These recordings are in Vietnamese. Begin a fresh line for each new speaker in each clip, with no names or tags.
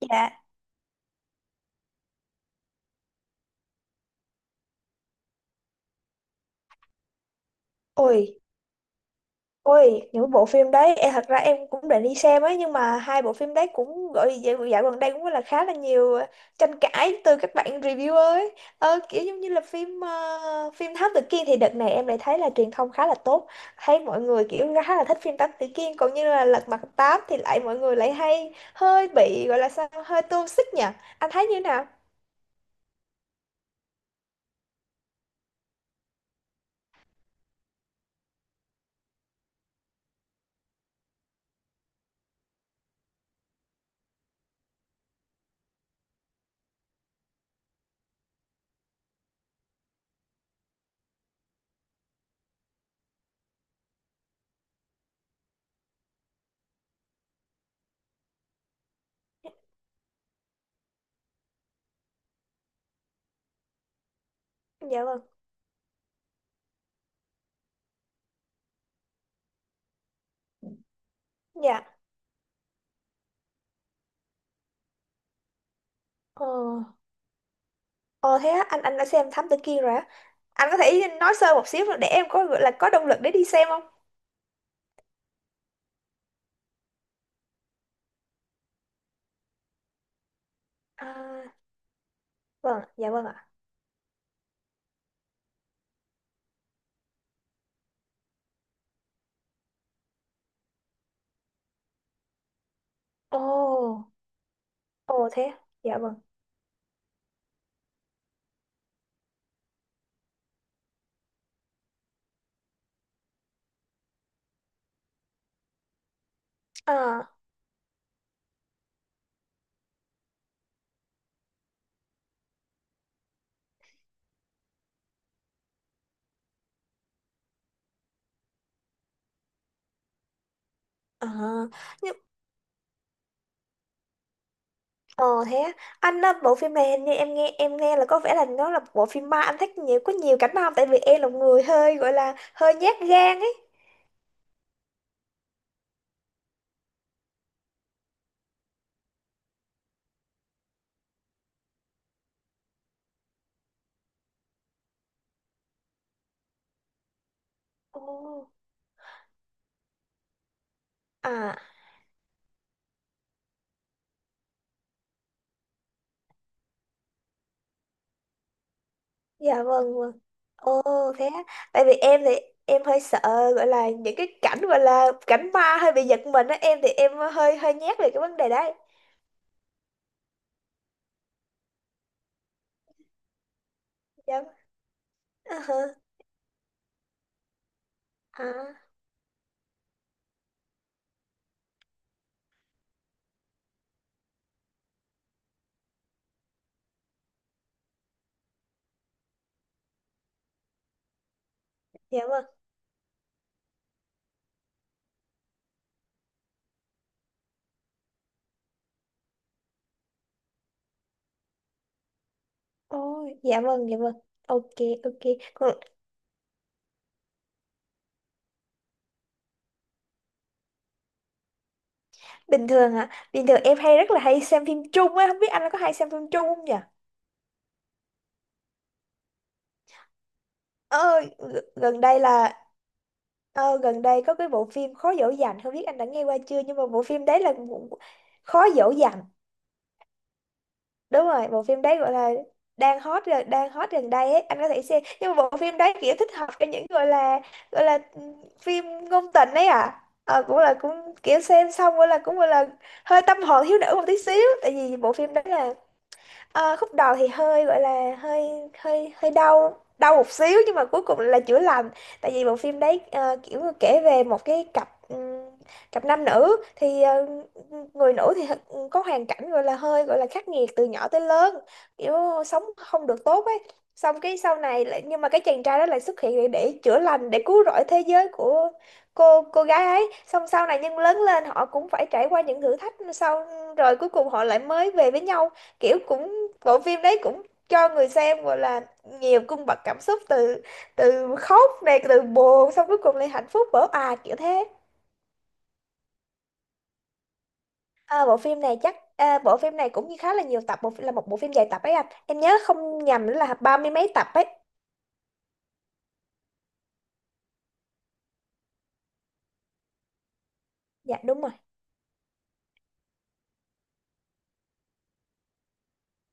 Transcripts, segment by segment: Dạ, ôi, ôi, những bộ phim đấy, em thật ra em cũng định đi xem ấy, nhưng mà hai bộ phim đấy cũng gọi dạo gần đây cũng là khá là nhiều tranh cãi từ các bạn reviewer ấy. Kiểu giống như là phim Thám Tử Kiên thì đợt này em lại thấy là truyền thông khá là tốt, thấy mọi người kiểu khá là thích phim Thám Tử Kiên, còn như là Lật Mặt Tám thì lại mọi người lại hay hơi bị gọi là sao, hơi toxic nhỉ? Anh thấy như thế nào? Dạ vâng, dạ. Ờ, ờ, thế á, anh đã xem Thám Tử Kiên rồi á? Anh có thể nói sơ một xíu để em có gọi là có động lực để đi xem không? À, vâng, dạ vâng ạ. Ồ, ồ thế. Dạ vâng. À, à, nhưng ồ thế á. Anh á, bộ phim này hình như em nghe là có vẻ là nó là bộ phim ma, anh thích nhiều, có nhiều cảnh ma không? Tại vì em là một người hơi gọi là hơi nhát gan ấy. Ồ, à, dạ vâng, vâng. Ồ thế á. Tại vì em thì em hơi sợ gọi là những cái cảnh gọi là cảnh ma hơi bị giật mình á, em thì em hơi hơi nhát về cái vấn đề đấy. Dạ. À, hả? À, dạ vâng. Ôi, dạ vâng, dạ vâng. Ok, ok. Còn bình thường hả? Bình thường em hay rất là hay xem phim Trung á, không biết anh có hay xem phim Trung không nhỉ? Ờ, g- gần đây là gần đây có cái bộ phim Khó dỗ dành, không biết anh đã nghe qua chưa, nhưng mà bộ phim đấy là một- Khó dỗ dành. Đúng rồi, bộ phim đấy gọi là đang hot gần đây ấy, anh có thể xem, nhưng mà bộ phim đấy kiểu thích hợp cho những gọi là phim ngôn tình ấy à, cũng là cũng kiểu xem xong gọi là cũng gọi là hơi tâm hồn thiếu nữ một tí xíu, tại vì bộ phim đấy là, ờ, khúc đầu thì hơi gọi là hơi hơi hơi đau đau một xíu nhưng mà cuối cùng là chữa lành. Tại vì bộ phim đấy kiểu như kể về một cái cặp cặp nam nữ thì, người nữ thì có hoàn cảnh gọi là hơi gọi là khắc nghiệt từ nhỏ tới lớn, kiểu sống không được tốt ấy, xong cái sau này lại, nhưng mà cái chàng trai đó lại xuất hiện để chữa lành, để cứu rỗi thế giới của cô gái ấy, xong sau này nhưng lớn lên họ cũng phải trải qua những thử thách sau, rồi cuối cùng họ lại mới về với nhau, kiểu cũng, bộ phim đấy cũng cho người xem gọi là nhiều cung bậc cảm xúc, từ từ khóc này, từ buồn, xong cuối cùng lại hạnh phúc vỡ òa kiểu thế. À, bộ phim này cũng như khá là nhiều tập, bộ là một bộ phim dài tập ấy anh, em nhớ không nhầm là ba mươi mấy tập ấy. Dạ đúng rồi.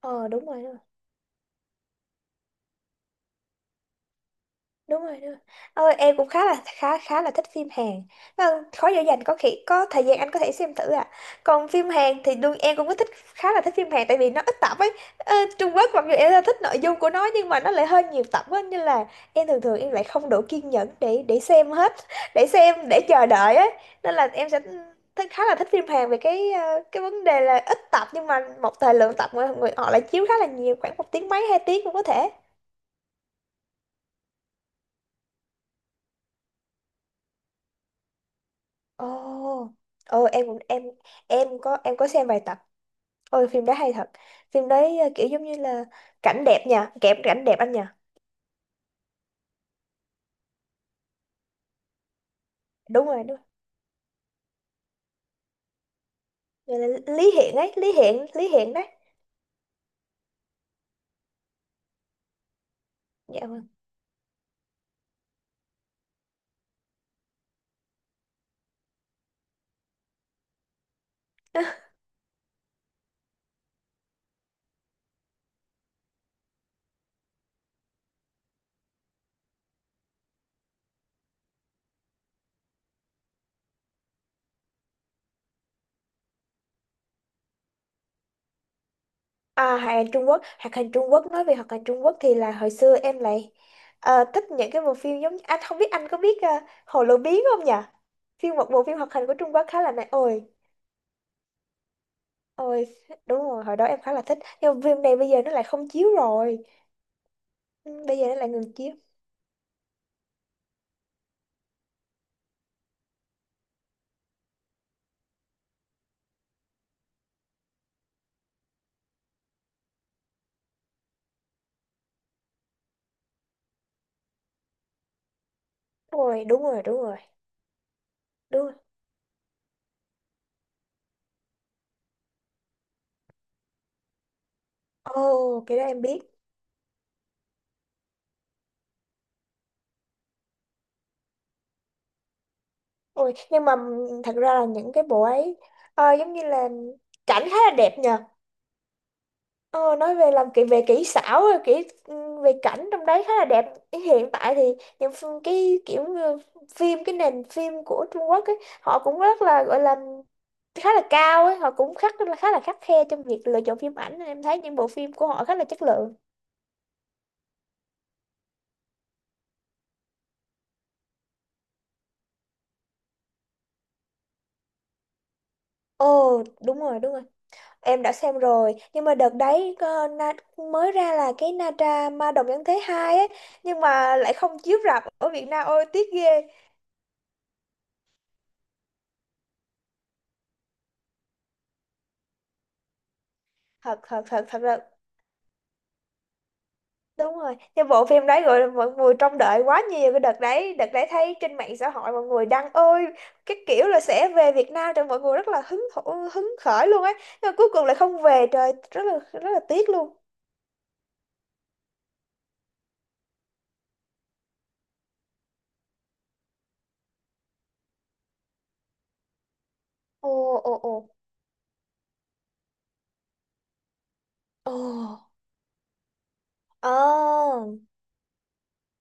Ờ Đúng rồi, đúng rồi. Đúng rồi, đúng rồi. Ờ, em cũng khá là thích phim Hàn. Ờ, khó dễ dành có khi có thời gian anh có thể xem thử à. Còn phim Hàn thì đương em cũng có thích, khá là thích phim Hàn tại vì nó ít tập ấy. Ờ, Trung Quốc mặc dù em rất thích nội dung của nó, nhưng mà nó lại hơi nhiều tập ấy nên là em thường thường em lại không đủ kiên nhẫn để xem hết để xem, để chờ đợi ấy, nên là em sẽ thích, khá là thích phim Hàn về cái cái vấn đề là ít tập, nhưng mà một thời lượng tập người họ lại chiếu khá là nhiều, khoảng một tiếng mấy 2 tiếng cũng có thể. Ồ, ừ, em cũng em có xem vài tập. Ôi phim đó hay thật. Phim đấy kiểu giống như là cảnh đẹp nha, kẹp cảnh đẹp anh nha. Đúng. Rồi là Lý Hiện ấy, Lý Hiện, Lý Hiện đấy. Dạ vâng. À, hoạt hình Trung Quốc, nói về hoạt hình Trung Quốc thì là hồi xưa em lại thích những cái bộ phim, giống anh không biết anh có biết Hồ Lô Biến không nhỉ? Một bộ phim hoạt hình của Trung Quốc khá là này. Ôi, ôi đúng rồi, hồi đó em khá là thích. Nhưng mà phim này bây giờ nó lại không chiếu rồi. Ừ, bây giờ nó lại ngừng chiếu. Ôi, đúng rồi, đúng rồi, đúng rồi. Ồ, cái đó em biết. Ôi, nhưng mà thật ra là những cái bộ ấy giống như là cảnh khá là đẹp nhờ. Ờ, nói về làm kỹ về kỹ xảo rồi về cảnh trong đấy khá là đẹp. Hiện tại thì những cái kiểu như cái nền phim của Trung Quốc ấy, họ cũng rất là gọi là khá là cao ấy, họ cũng khá là khắt khe trong việc lựa chọn phim ảnh, nên em thấy những bộ phim của họ khá là chất lượng. Ồ, đúng rồi, đúng rồi. Em đã xem rồi, nhưng mà đợt đấy mới ra là cái Na Tra Ma Đồng Nhân Thế Hai ấy, nhưng mà lại không chiếu rạp ở Việt Nam, ôi tiếc ghê. Thật thật thật thật là đúng rồi. Nhưng bộ phim đấy gọi là mọi người trông đợi quá nhiều cái đợt đấy, thấy trên mạng xã hội mọi người đăng ôi, cái kiểu là sẽ về Việt Nam cho mọi người rất là hứng khởi luôn ấy, nhưng mà cuối cùng lại không về, trời rất là tiếc luôn. Ồ, ồ, ồ. Ồ. Ồ.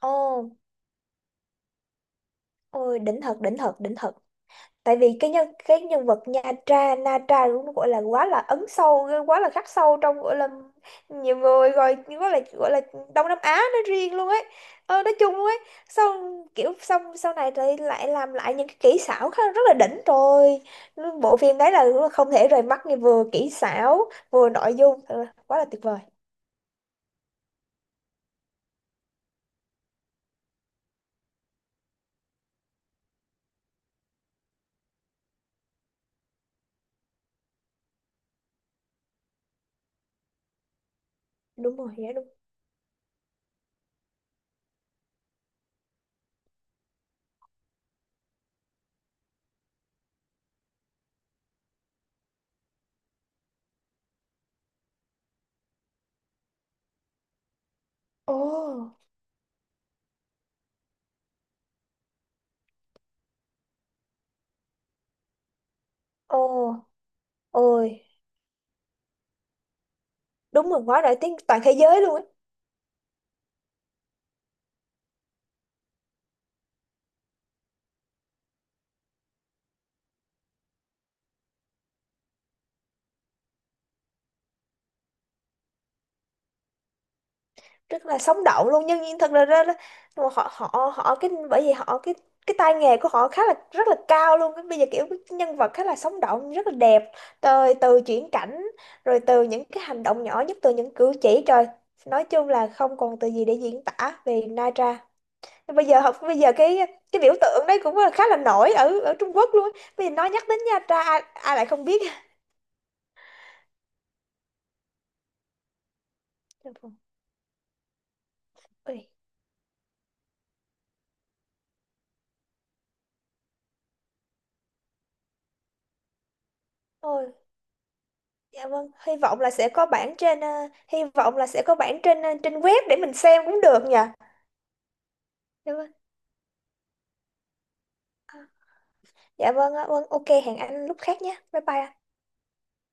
Ồ. Ôi đỉnh thật, đỉnh thật, đỉnh thật. Tại vì cái cái nhân vật Nha Tra Na Tra cũng gọi là quá là ấn sâu, quá là khắc sâu trong gọi là nhiều người rồi, gọi là Đông Nam Á nói riêng luôn ấy, nói chung luôn ấy, xong kiểu sau này thì lại làm lại những cái kỹ xảo khá rất là đỉnh rồi, bộ phim đấy là không thể rời mắt, như vừa kỹ xảo vừa nội dung, thật là quá là tuyệt vời. Đúng rồi, dạ đúng. Ồ, ồ, ôi đúng rồi, quá nổi tiếng toàn thế giới luôn ấy. Rất là sống động luôn, nhân viên thật là ra ra- họ họ họ cái, bởi vì họ cái tay nghề của họ khá là rất là cao luôn. Cái bây giờ kiểu cái nhân vật khá là sống động rất là đẹp, từ từ chuyển cảnh, rồi từ những cái hành động nhỏ nhất, từ những cử chỉ, trời, nói chung là không còn từ gì để diễn tả về Naira bây giờ. Cái biểu tượng đấy cũng là khá là nổi ở ở Trung Quốc luôn á. Bây giờ nhắc đến Nha Tra, ai, ai lại không biết. Ôi, dạ vâng, hy vọng là sẽ có bản trên hy vọng là sẽ có bản trên ờ, trên web để mình xem cũng được nhỉ. Dạ vâng, dạ vâng, ạ. Vâng ok, hẹn anh lúc khác nhé. Bye bye ạ.